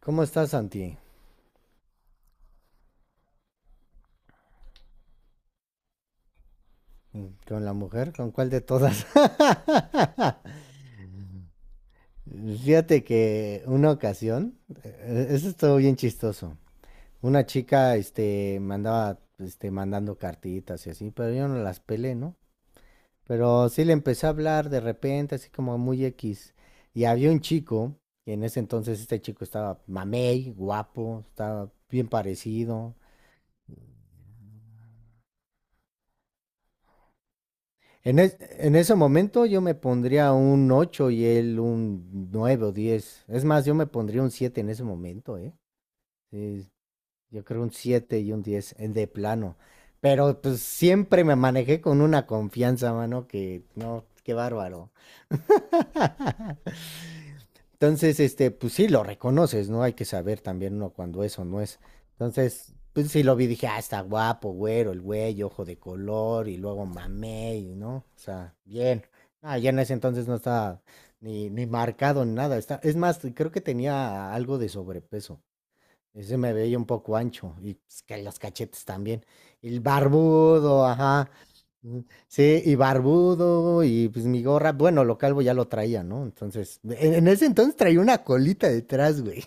¿Cómo estás, Santi? ¿Con la mujer? ¿Con cuál de todas? Fíjate que una ocasión, eso estuvo bien chistoso. Una chica, este, me andaba, este, mandando cartitas y así, pero yo no las pelé, ¿no? Pero sí le empecé a hablar de repente, así como muy X. Y había un chico, y en ese entonces este chico estaba mamey, guapo, estaba bien parecido. En ese momento yo me pondría un 8 y él un 9 o 10. Es más, yo me pondría un 7 en ese momento, ¿eh? Sí, yo creo un 7 y un 10, en de plano. Pero pues siempre me manejé con una confianza, mano, que no, qué bárbaro. Entonces, este, pues sí, lo reconoces, ¿no? Hay que saber también uno cuando eso no es. Entonces, pues sí lo vi, dije, ah, está guapo, güero, el güey, ojo de color, y luego mamé, y, ¿no? O sea, bien. Ah, ya en ese entonces no estaba ni marcado ni nada. Está, es más, creo que tenía algo de sobrepeso. Ese me veía un poco ancho y pues, que los cachetes también. Y el barbudo, ajá. Mm. Sí, y barbudo y pues mi gorra, bueno, lo calvo ya lo traía, ¿no? Entonces, en ese entonces traía una colita detrás, güey.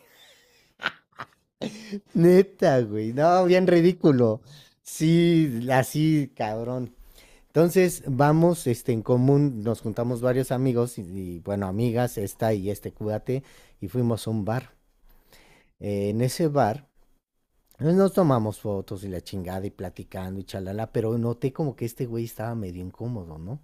Neta, güey. No, bien ridículo. Sí, así, cabrón. Entonces, vamos, este, en común, nos juntamos varios amigos bueno, amigas, esta y este cuate, y fuimos a un bar. En ese bar pues nos tomamos fotos y la chingada y platicando y chalala, pero noté como que este güey estaba medio incómodo, ¿no?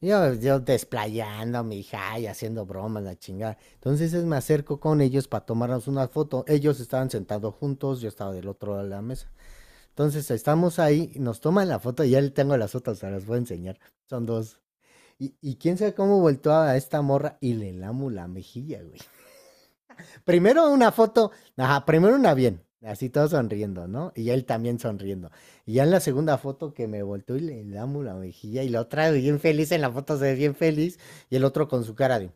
Yo desplayándome y haciendo bromas, la chingada. Entonces me acerco con ellos para tomarnos una foto. Ellos estaban sentados juntos, yo estaba del otro lado de la mesa. Entonces estamos ahí, nos toman la foto, ya le tengo las otras, se las voy a enseñar. Son dos. Y quién sabe cómo volteó a esta morra y le lamo la mejilla, güey. Primero una foto, ajá, primero una bien, así todos sonriendo, ¿no? Y él también sonriendo. Y ya en la segunda foto que me volteó y le damos la mejilla y la otra bien feliz, en la foto se ve bien feliz, y el otro con su cara de...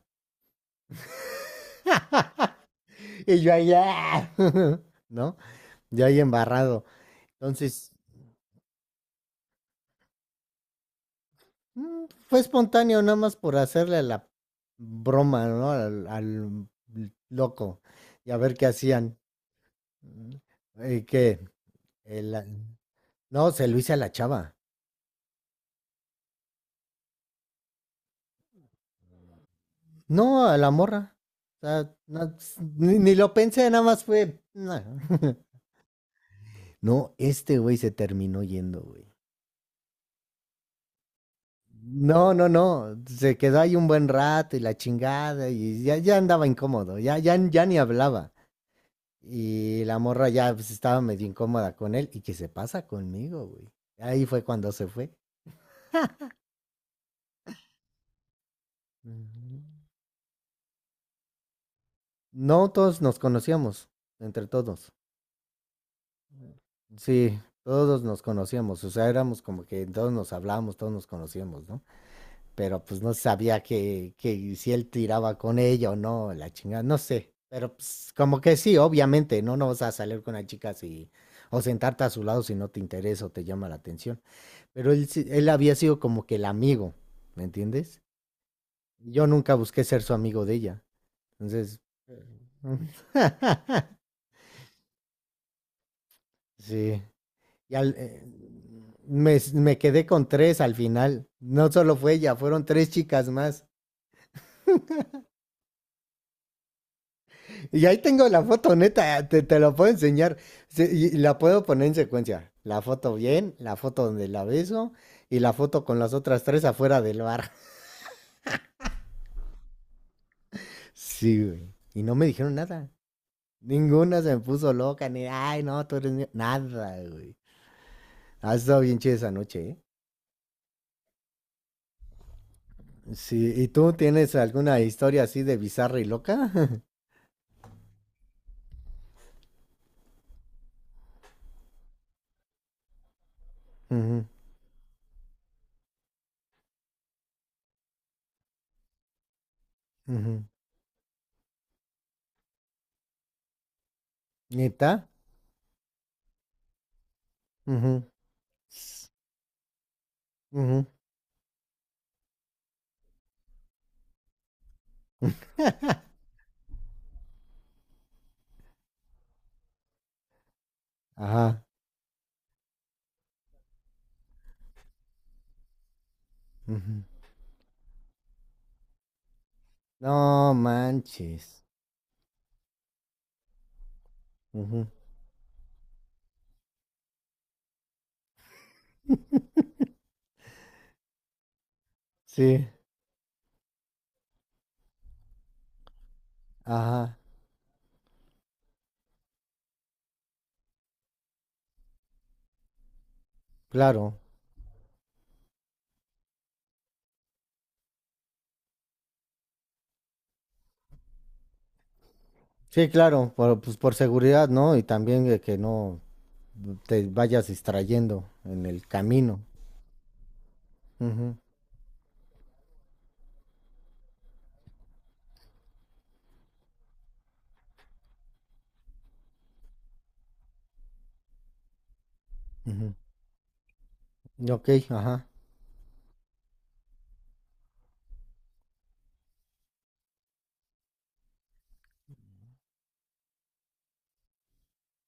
Y yo ahí, ¡ah! ¿no? Yo ahí embarrado. Entonces, fue espontáneo nada más por hacerle la broma, ¿no? Al loco y a ver qué hacían. Y que... el- no, se lo hice a la chava. No, a la morra. O sea, no, ni lo pensé, nada más fue. No. No, este güey se terminó yendo, güey. No, no, no. Se quedó ahí un buen rato y la chingada y ya andaba incómodo, ya ni hablaba. Y la morra ya pues, estaba medio incómoda con él y que se pasa conmigo, güey. Ahí fue cuando se fue. No todos nos conocíamos, entre todos. Sí, todos nos conocíamos, o sea, éramos como que todos nos hablábamos, todos nos conocíamos, ¿no? Pero pues no sabía que si él tiraba con ella o no, la chingada, no sé. Pero pues como que sí, obviamente, ¿no? No vas a salir con una chica si, o sentarte a su lado si no te interesa o te llama la atención. Pero él, él había sido como que el amigo, ¿me entiendes? Yo nunca busqué ser su amigo de ella. Entonces, eh, sí. Y al, eh, me quedé con tres al final. No solo fue ella, fueron tres chicas más. Y ahí tengo la foto, neta, te la puedo enseñar. Y la puedo poner en secuencia. La foto bien, la foto donde la beso y la foto con las otras tres afuera del bar. Sí, güey. Y no me dijeron nada. Ninguna se me puso loca, ni, ay, no, tú eres mío". Nada, güey. Ha estado bien chida esa noche, ¿eh? Sí, ¿y tú tienes alguna historia así de bizarra y loca? Ujú, ujú. ¿Neta? Ujú. Ujú. Ajá. Ujú. No manches. Ujú. Sí, ajá, claro. Sí, claro, por, pues por seguridad, ¿no? Y también de que no te vayas distrayendo en el camino. Ujú, ujú. Ok, ajá.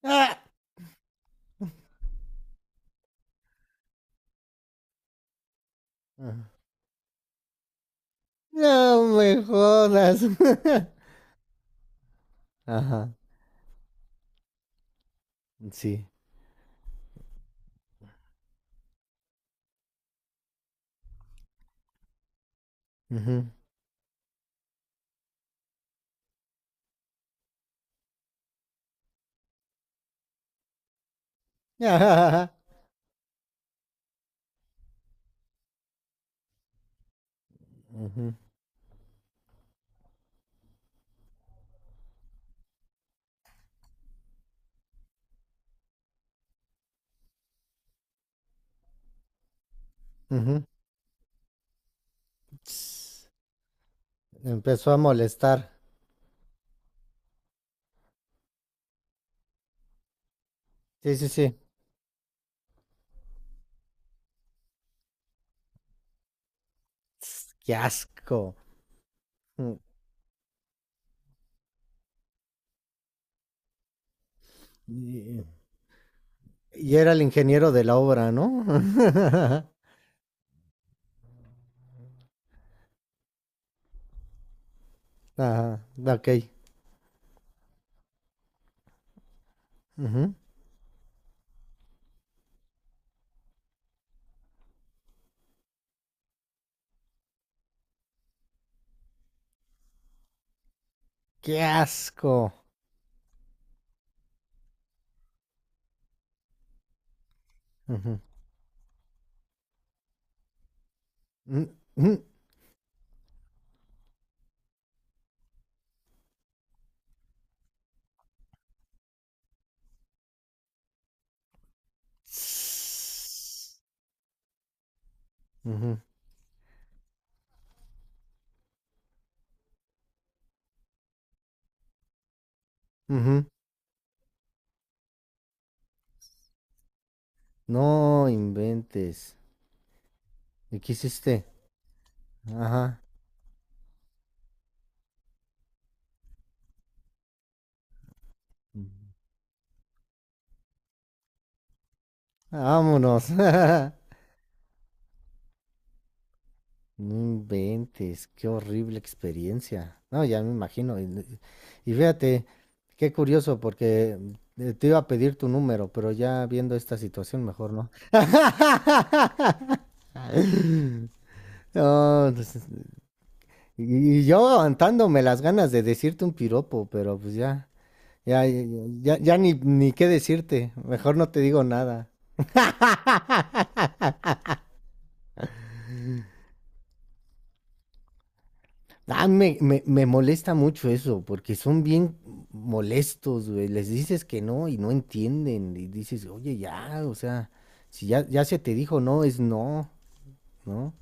¡Ah! Ajá. No me jodas. Ajá, sí. Ujú. Ujú, ujú. Ts- empezó a molestar. Sí, sí, sí. Tss, qué asco. Mm. Y, y era el ingeniero de la obra, ¿no? Ajá, ok. Ujú. Qué asco. Ujú. Mm, mm, tss. Ujú, ujú. No inventes. ¿Y qué hiciste? Ajá. Vámonos. No inventes, qué horrible experiencia. No, ya me imagino. Y fíjate, qué curioso, porque te iba a pedir tu número, pero ya viendo esta situación, mejor no. No, pues, y yo aguantándome las ganas de decirte un piropo, pero pues ya, ya, ya ni qué decirte. Mejor no te digo nada. Ah, me molesta mucho eso, porque son bien molestos, güey. Les dices que no y no entienden. Y dices, oye, ya, o sea, si ya se te dijo no, es no, ¿no?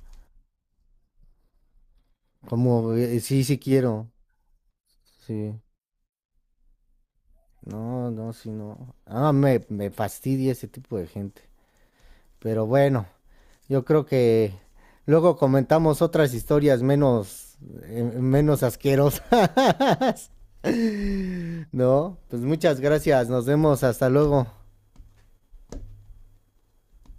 Como, sí, sí quiero, sí. No, no, sí, no. Ah, me fastidia ese tipo de gente. Pero bueno, yo creo que luego comentamos otras historias menos, menos asquerosas. No, pues muchas gracias. Nos vemos. Hasta luego.